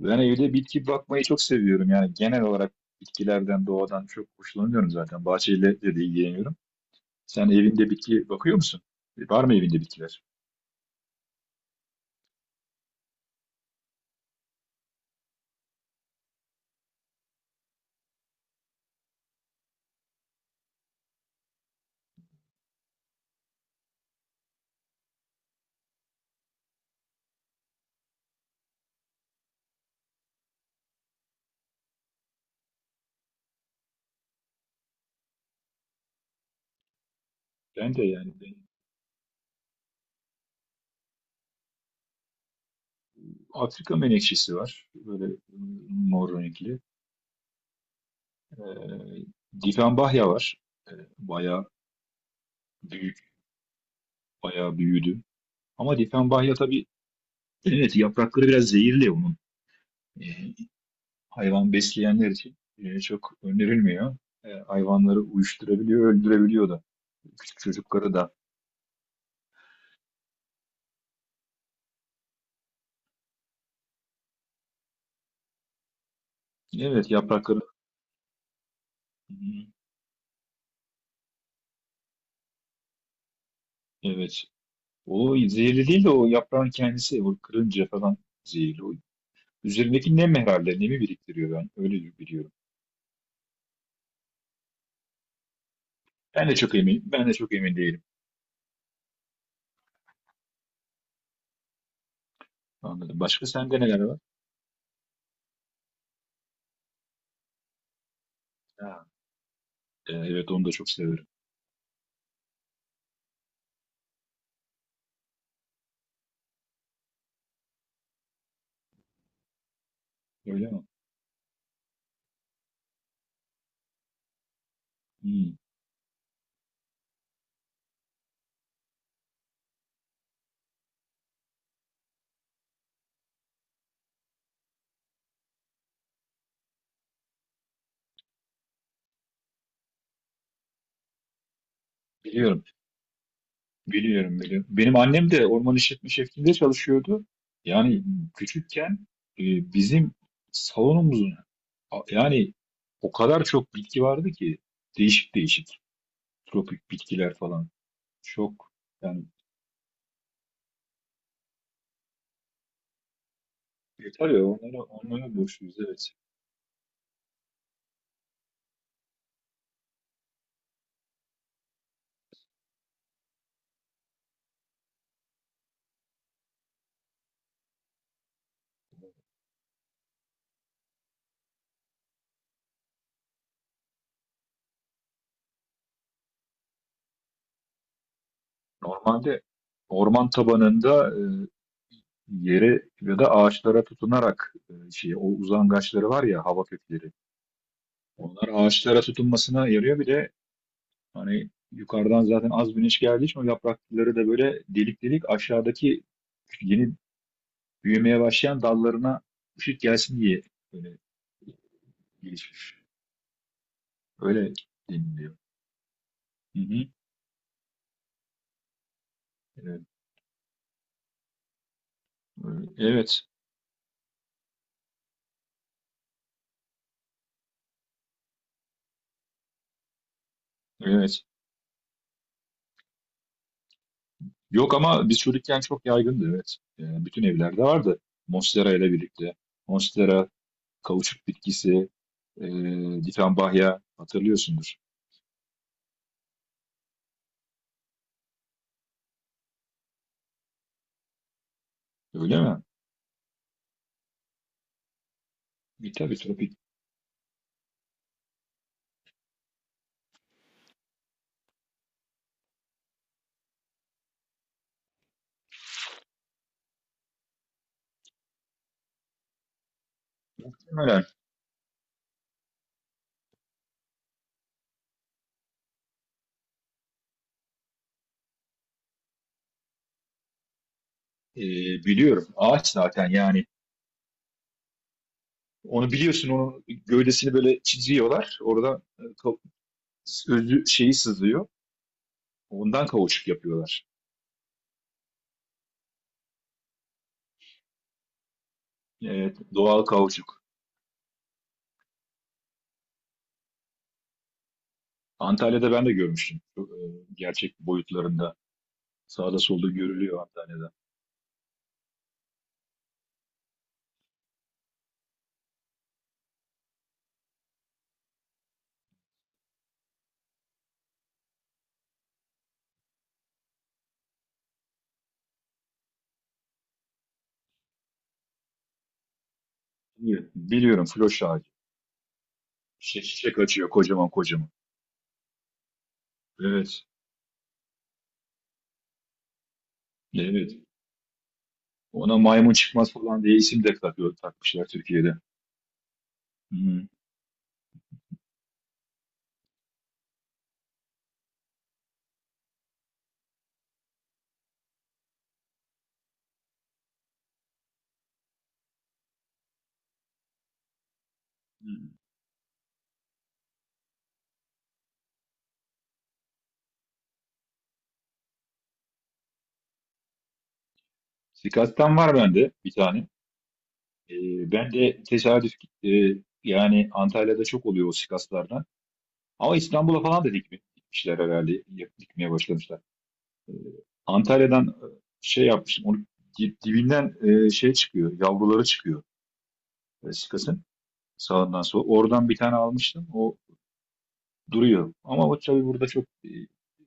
Ben evde bitki bakmayı çok seviyorum. Yani genel olarak bitkilerden, doğadan çok hoşlanıyorum zaten. Bahçeyle de ilgileniyorum. Sen evinde bitki bakıyor musun? Var mı evinde bitkiler? Ben de yani Afrika menekşesi var. Böyle mor renkli. Ee, Difenbahya var. Ee, Bayağı büyük, bayağı büyüdü. Ama difenbahya tabii, evet, yaprakları biraz zehirli onun. Ee, Hayvan besleyenler için çok önerilmiyor. Hayvanları uyuşturabiliyor, öldürebiliyor da. Küçük çocukları da. Evet, yaprakları. Hı hı. Evet. O zehirli değil de o yaprağın kendisi. O kırınca falan zehirli. O üzerindeki nem herhalde. Nemi biriktiriyor ben. Öyle biliyorum. Ben de çok emin değilim. Anladım. Başka sende neler var? Ha, evet, onu da çok severim. Öyle mi? Hı. Biliyorum. Biliyorum, biliyorum. Benim annem de orman işletme şefliğinde çalışıyordu. Yani küçükken, e, bizim salonumuzun yani o kadar çok bitki vardı ki, değişik değişik tropik bitkiler falan. Çok yani yeter ya onlara borçluyuz, evet. Normalde orman tabanında, yere ya da ağaçlara tutunarak, şey, o uzangaçları var ya, hava kökleri. Onlar ağaçlara tutunmasına yarıyor bile. Hani yukarıdan zaten az güneş geldiği için, o yaprakları da böyle delik delik, aşağıdaki yeni büyümeye başlayan dallarına ışık gelsin diye böyle gelişmiş. Öyle deniliyor. Hı hı. Evet. Evet. Evet. Yok, ama biz çocukken çok yaygındı, evet. Yani bütün evlerde vardı. Monstera ile birlikte. Monstera, kauçuk bitkisi, e, ditambayha, hatırlıyorsundur. Öyle mi? Bir tabii tropik. Muhtemelen. E, Biliyorum. Ağaç zaten, yani onu biliyorsun, onun gövdesini böyle çiziyorlar. Oradan, özü şeyi sızıyor. Ondan kauçuk yapıyorlar. Doğal kauçuk. Antalya'da ben de görmüştüm. Çok, gerçek boyutlarında. Sağda solda görülüyor Antalya'da. Biliyorum, biliyorum, floş ağacı. Şişe, şişe kaçıyor kocaman kocaman. Evet. Evet. Ona maymun çıkmaz falan diye isim de takıyor, takmışlar Türkiye'de. Hmm. Hmm. Sikattan var bende bir tane. Ben de tesadüf, e, yani Antalya'da çok oluyor o sikaslardan. Ama İstanbul'a falan da dikmişler herhalde. Dikmeye başlamışlar. Ee, Antalya'dan, şey yapmışım. Onu dibinden, şey çıkıyor. Yavruları çıkıyor, sikasın. Sağından sola. Oradan bir tane almıştım. O duruyor. Ama o tabii burada çok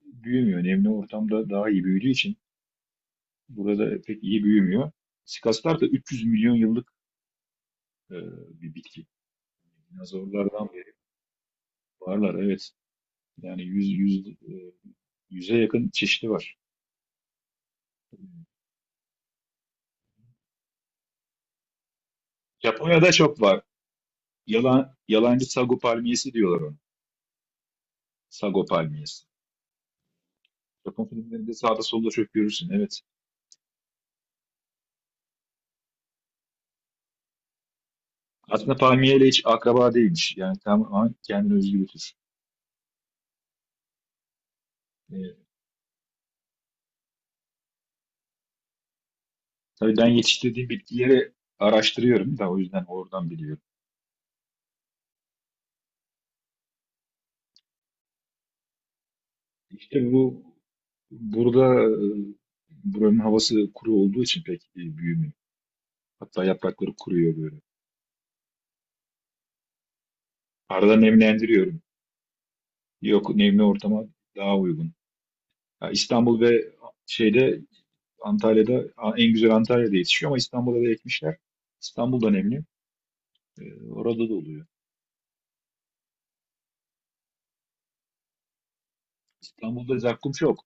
büyümüyor. Nemli ortamda daha iyi büyüdüğü için burada pek iyi büyümüyor. Sikaslar da 300 milyon yıllık, e, bir bitki. Dinozorlardan beri varlar. Evet. Yani yüze yakın çeşidi var. Japonya'da çok var. Yalancı sago palmiyesi diyorlar ona. Sago palmiyesi. Japon filmlerinde sağda solda çok görürsün. Evet. Aslında palmiyeyle hiç akraba değilmiş. Yani tamamen kendine özgü bir tür. E, tabii ben yetiştirdiğim bitkileri araştırıyorum da o yüzden oradan biliyorum. İşte bu burada, buranın havası kuru olduğu için pek büyümüyor. Hatta yaprakları kuruyor böyle. Arada nemlendiriyorum. Yok, nemli ortama daha uygun. Ya İstanbul ve şeyde Antalya'da, en güzel Antalya'da yetişiyor, ama İstanbul'a da ekmişler. İstanbul'da nemli. Orada da oluyor. İstanbul'da zakkum çok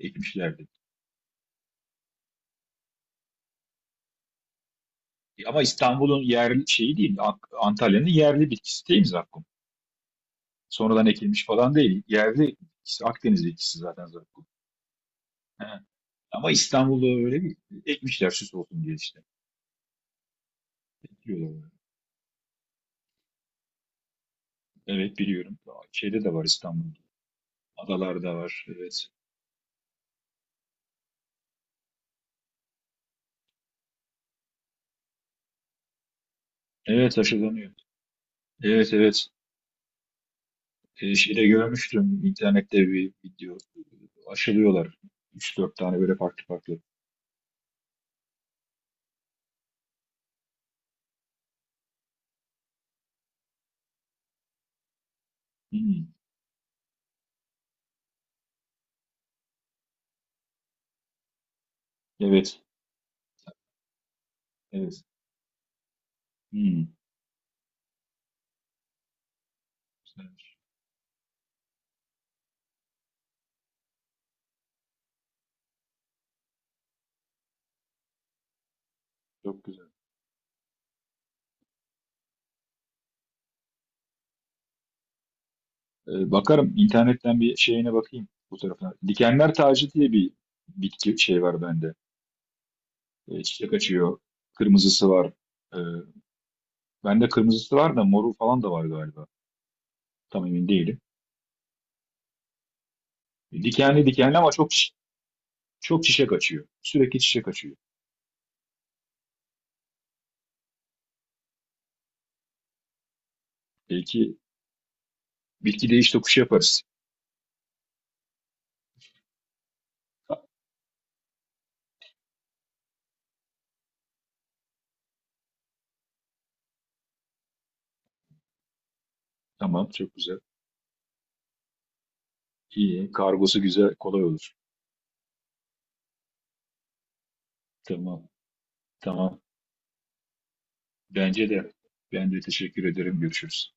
ekmişlerdi. Ama İstanbul'un yerli şeyi değil. Antalya'nın yerli bitkisi değil mi zakkum? Sonradan ekilmiş falan değil. Yerli bitkisi. Akdeniz bitkisi zaten zakkum. He. Ama İstanbul'da öyle bir ekmişler, süs olsun diye işte. Ekiyorlar. Evet, biliyorum. Şeyde de var İstanbul'da. Adalarda var. Evet. Evet, aşılanıyor. Evet, evet. Şeyde görmüştüm internette bir video. Aşılıyorlar. Üç dört tane böyle farklı farklı. Hmm. Evet. Evet. Hmm, Güzelmiş. Çok güzel. Bakarım internetten, bir şeyine bakayım bu tarafına. Dikenler tacı diye bir bitki şey var bende. Çiçek açıyor. Kırmızısı var. Ee, Bende kırmızısı var da moru falan da var galiba. Tam emin değilim. Dikenli dikenli, ama çok çok çiçek açıyor. Sürekli çiçek açıyor. Belki bilgi değiş tokuşu yaparız. Tamam, çok güzel. İyi, kargosu güzel, kolay olur. Tamam, tamam. Bence de. Ben de teşekkür ederim. Görüşürüz.